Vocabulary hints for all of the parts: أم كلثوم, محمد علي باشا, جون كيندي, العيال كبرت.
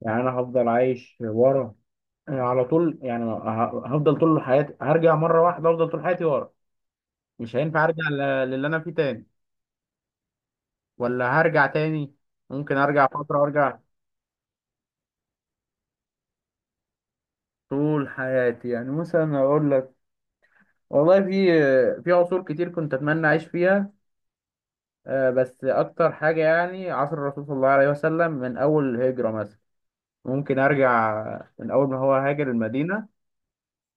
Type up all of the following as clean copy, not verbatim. يعني انا هفضل عايش ورا. أنا على طول يعني هفضل طول حياتي، هرجع مره واحده افضل طول حياتي ورا. مش هينفع ارجع للي انا فيه تاني ولا هرجع تاني. ممكن ارجع فتره وارجع طول حياتي. يعني مثلا اقول لك، والله في عصور كتير كنت اتمنى اعيش فيها. بس اكتر حاجه يعني عصر الرسول صلى الله عليه وسلم، من اول الهجره مثلا ممكن ارجع، من اول ما هو هاجر المدينه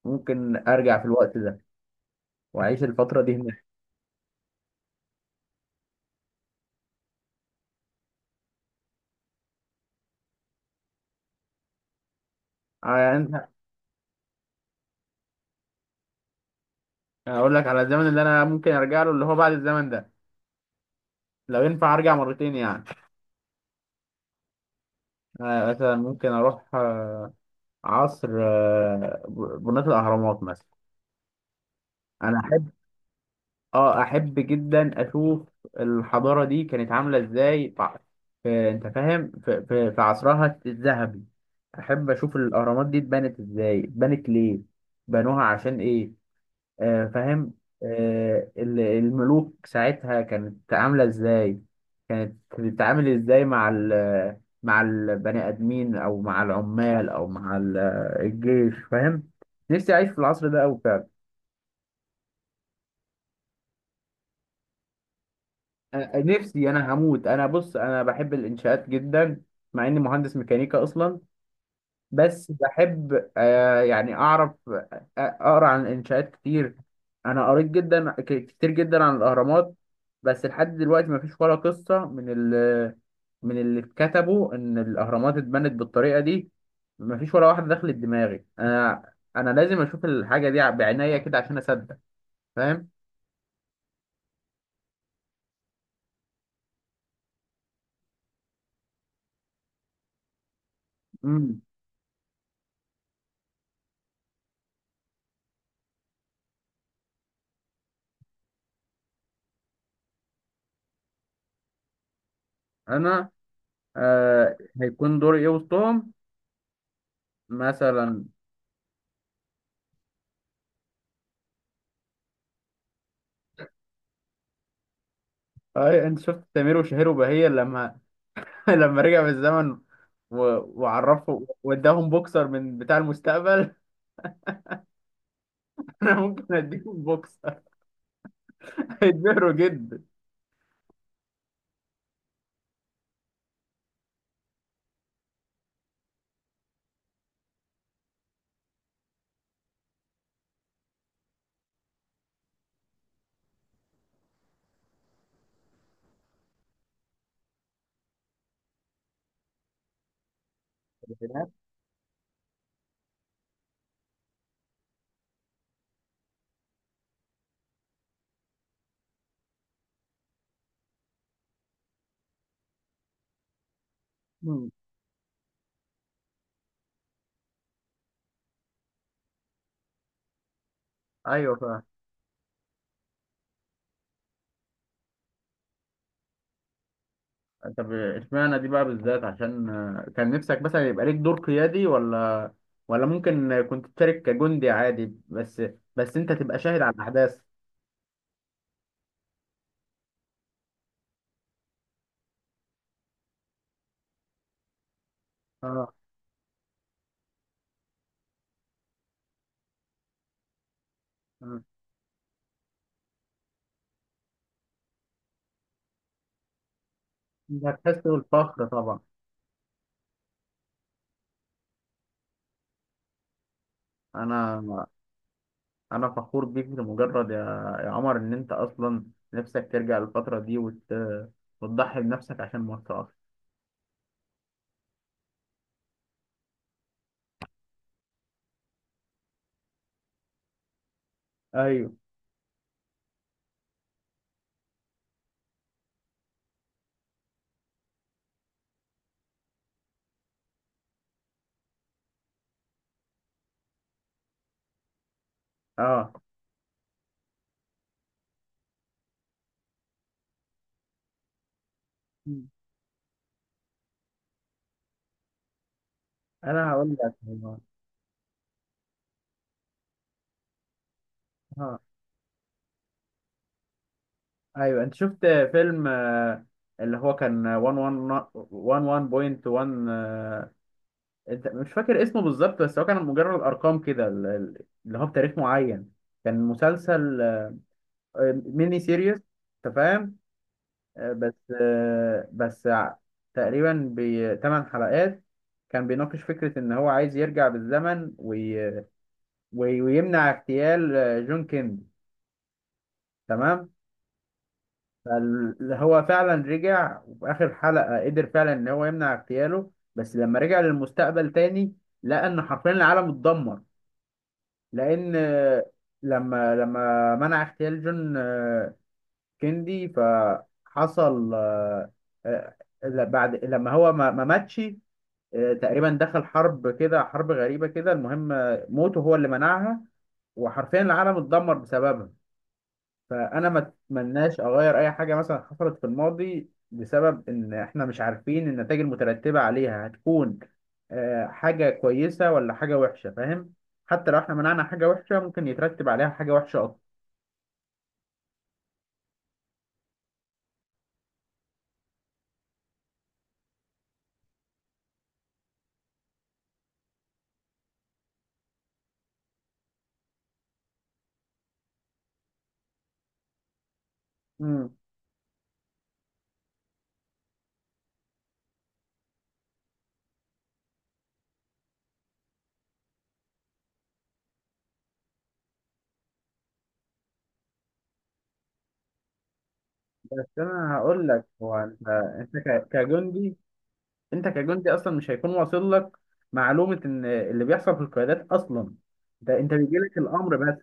ممكن ارجع في الوقت ده واعيش الفتره دي هناك. يعني اقول لك على الزمن اللي انا ممكن ارجع له، اللي هو بعد الزمن ده لو ينفع ارجع مرتين يعني. أنا مثلا ممكن اروح عصر بناة الاهرامات مثلا. انا احب، اه احب جدا اشوف الحضاره دي كانت عامله ازاي انت فاهم، في عصرها الذهبي. احب اشوف الاهرامات دي اتبنت ازاي، اتبنت ليه، بنوها عشان ايه. آه، فاهم. الملوك ساعتها كانت عاملة ازاي، كانت بتتعامل ازاي مع ال، مع البني آدمين او مع العمال او مع الجيش، فاهم. نفسي اعيش في العصر ده أوي فعلا. نفسي انا هموت، انا بص انا بحب الانشاءات جدا، مع اني مهندس ميكانيكا اصلا. بس بحب آه يعني اعرف، اقرا عن الانشاءات كتير. انا قريت جدا كتير جدا عن الاهرامات، بس لحد دلوقتي ما فيش ولا قصه من ال، من اللي اتكتبوا ان الاهرامات اتبنت بالطريقه دي. ما فيش ولا واحده دخلت دماغي انا. انا لازم اشوف الحاجه دي بعناية كده عشان اصدق، فاهم. امم. انا آه هيكون دوري ايه وسطهم؟ مثلا اي انت شفت تامر وشهير وبهية لما لما رجع بالزمن و... وعرفه واداهم بوكسر من بتاع المستقبل، انا ممكن اديهم بوكسر، هيتبهروا جدا. مم. ايوه فاهم. طب اشمعنى دي بقى بالذات؟ عشان آه، كان نفسك مثلا يبقى ليك دور قيادي، ولا ممكن كنت تشارك كجندي عادي بس، بس انت تبقى شاهد على الاحداث؟ اه. آه. انت هتحس بالفخر طبعا. انا انا فخور بيك لمجرد، يا يا عمر ان انت اصلا نفسك ترجع للفتره دي وتضحي بنفسك عشان مصر اصلا. ايوه. اه. مم. انا هقول لك هو. اه. ايوه انت شفت فيلم، آه، اللي هو كان 11.1، آه، انت مش فاكر اسمه بالظبط، بس هو كان مجرد ارقام كده، اللي هو بتاريخ معين، كان مسلسل، آه، ميني سيريس، انت فاهم. آه، بس، آه، تقريبا بثمان حلقات. كان بيناقش فكرة إن هو عايز يرجع بالزمن ويمنع اغتيال، آه، جون كيندي، تمام. هو فعلا رجع، وفي آخر حلقة قدر فعلا إن هو يمنع اغتياله، بس لما رجع للمستقبل تاني لقى إن حرفيا العالم اتدمر، لأن آه، لما منع اغتيال جون، آه، كيندي، فحصل آه، آه، بعد لما هو ما ماتش، آه، تقريبا دخل حرب كده، حرب غريبة كده، المهم آه، موته هو اللي منعها، وحرفيا العالم اتدمر بسببها. فأنا ما أتمناش أغير أي حاجة مثلا حصلت في الماضي، بسبب إن إحنا مش عارفين النتائج المترتبة عليها هتكون، آه، حاجة كويسة ولا حاجة وحشة، فاهم. حتى لو إحنا منعنا حاجة وحشة، ممكن يترتب عليها حاجة وحشة أكتر. مم. بس أنا هقول لك هو، كجندي، انت كجندي اصلا مش هيكون واصل لك معلومه ان اللي بيحصل في القيادات اصلا، انت بيجي لك الامر بس.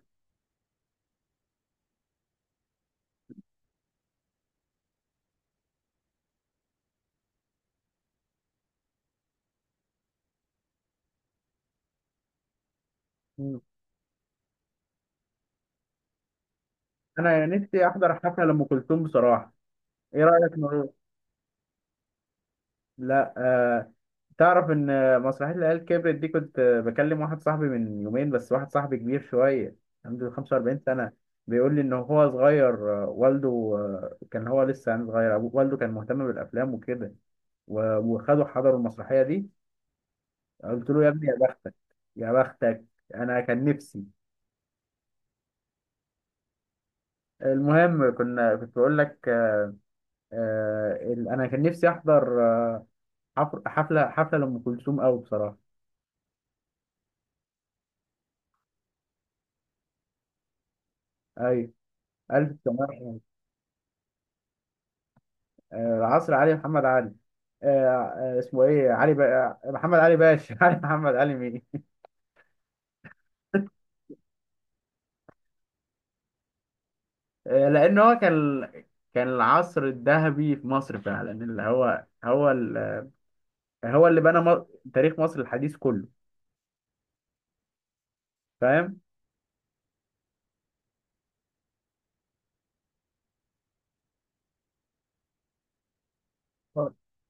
مم. انا نفسي احضر حفله لام كلثوم بصراحه، ايه رايك نروح؟ لا آه، تعرف ان مسرحيه العيال كبرت دي، كنت بكلم واحد صاحبي من يومين، بس واحد صاحبي كبير شويه، عنده 45 سنه، بيقول لي ان هو صغير، آه، والده، آه، كان هو لسه يعني صغير، والده كان مهتم بالافلام وكده، وخدوا حضروا المسرحيه دي. قلت له يا ابني يا بختك، يا بختك، انا كان نفسي. المهم كنا كنت بقول لك، آه ال- انا كان نفسي احضر، آه، حفله حفله لام كلثوم قوي بصراحه. ايوه. الف سلامة. آه العصر علي محمد علي، آه، آه، اسمه ايه؟ علي بقى محمد علي باشا، علي محمد علي مين. آه لان هو كان، كان العصر الذهبي في مصر فعلا، اللي هو هو ال، هو اللي بنى تاريخ مصر الحديث كله، فاهم.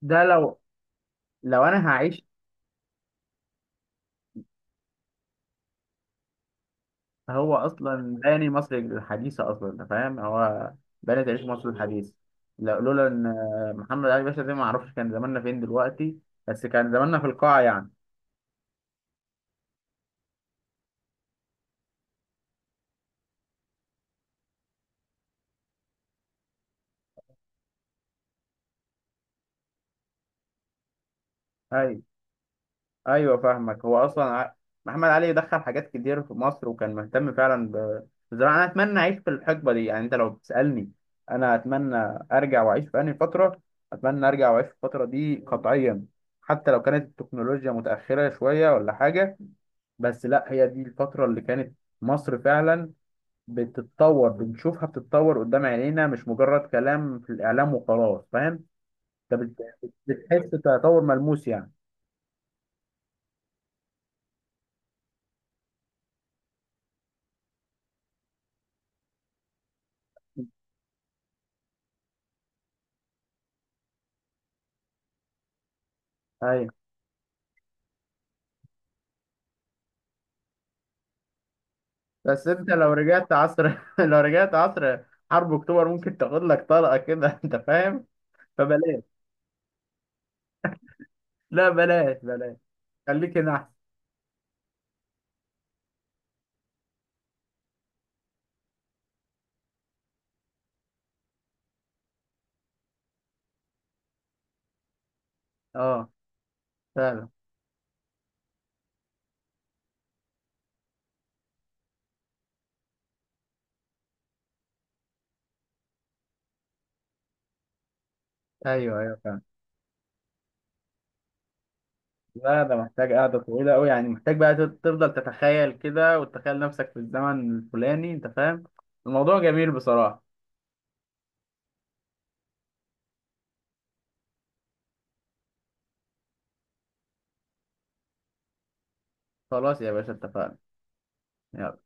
ده لو، لو انا هعيش، هو اصلا باني مصر الحديثه اصلا، انت فاهم، هو باني تعيش مصر الحديثه. لا، لولا ان محمد علي باشا ده ما اعرفش كان زماننا فين دلوقتي، بس كان زماننا في القاع يعني. اي، ايوه فاهمك، هو اصلا ع-، محمد علي دخل حاجات كتير في مصر، وكان مهتم فعلا ب-، بالزراعه. انا اتمنى اعيش في الحقبه دي يعني، انت لو بتسالني انا اتمنى ارجع واعيش في انهي فتره، اتمنى ارجع واعيش في الفتره دي قطعيا، حتى لو كانت التكنولوجيا متاخره شويه ولا حاجه، بس لا، هي دي الفترة اللي كانت مصر فعلا بتتطور، بنشوفها بتتطور قدام عينينا، مش مجرد كلام في الإعلام وخلاص، فاهم؟ بتحس بتطور ملموس يعني. أيوة. بس أنت لو رجعت عصر لو رجعت عصر حرب أكتوبر ممكن تاخد لك طلقة كده، أنت فاهم؟ فبلاش، لا بلاش بلاش، خليك هنا أحسن. أه فعلا. أيوه فعلا. لا ده محتاج قعدة طويلة أوي يعني، محتاج بقى تفضل تتخيل كده وتتخيل نفسك في الزمن الفلاني، أنت فاهم، الموضوع جميل بصراحة. خلاص يا باشا اتفقنا. يلا.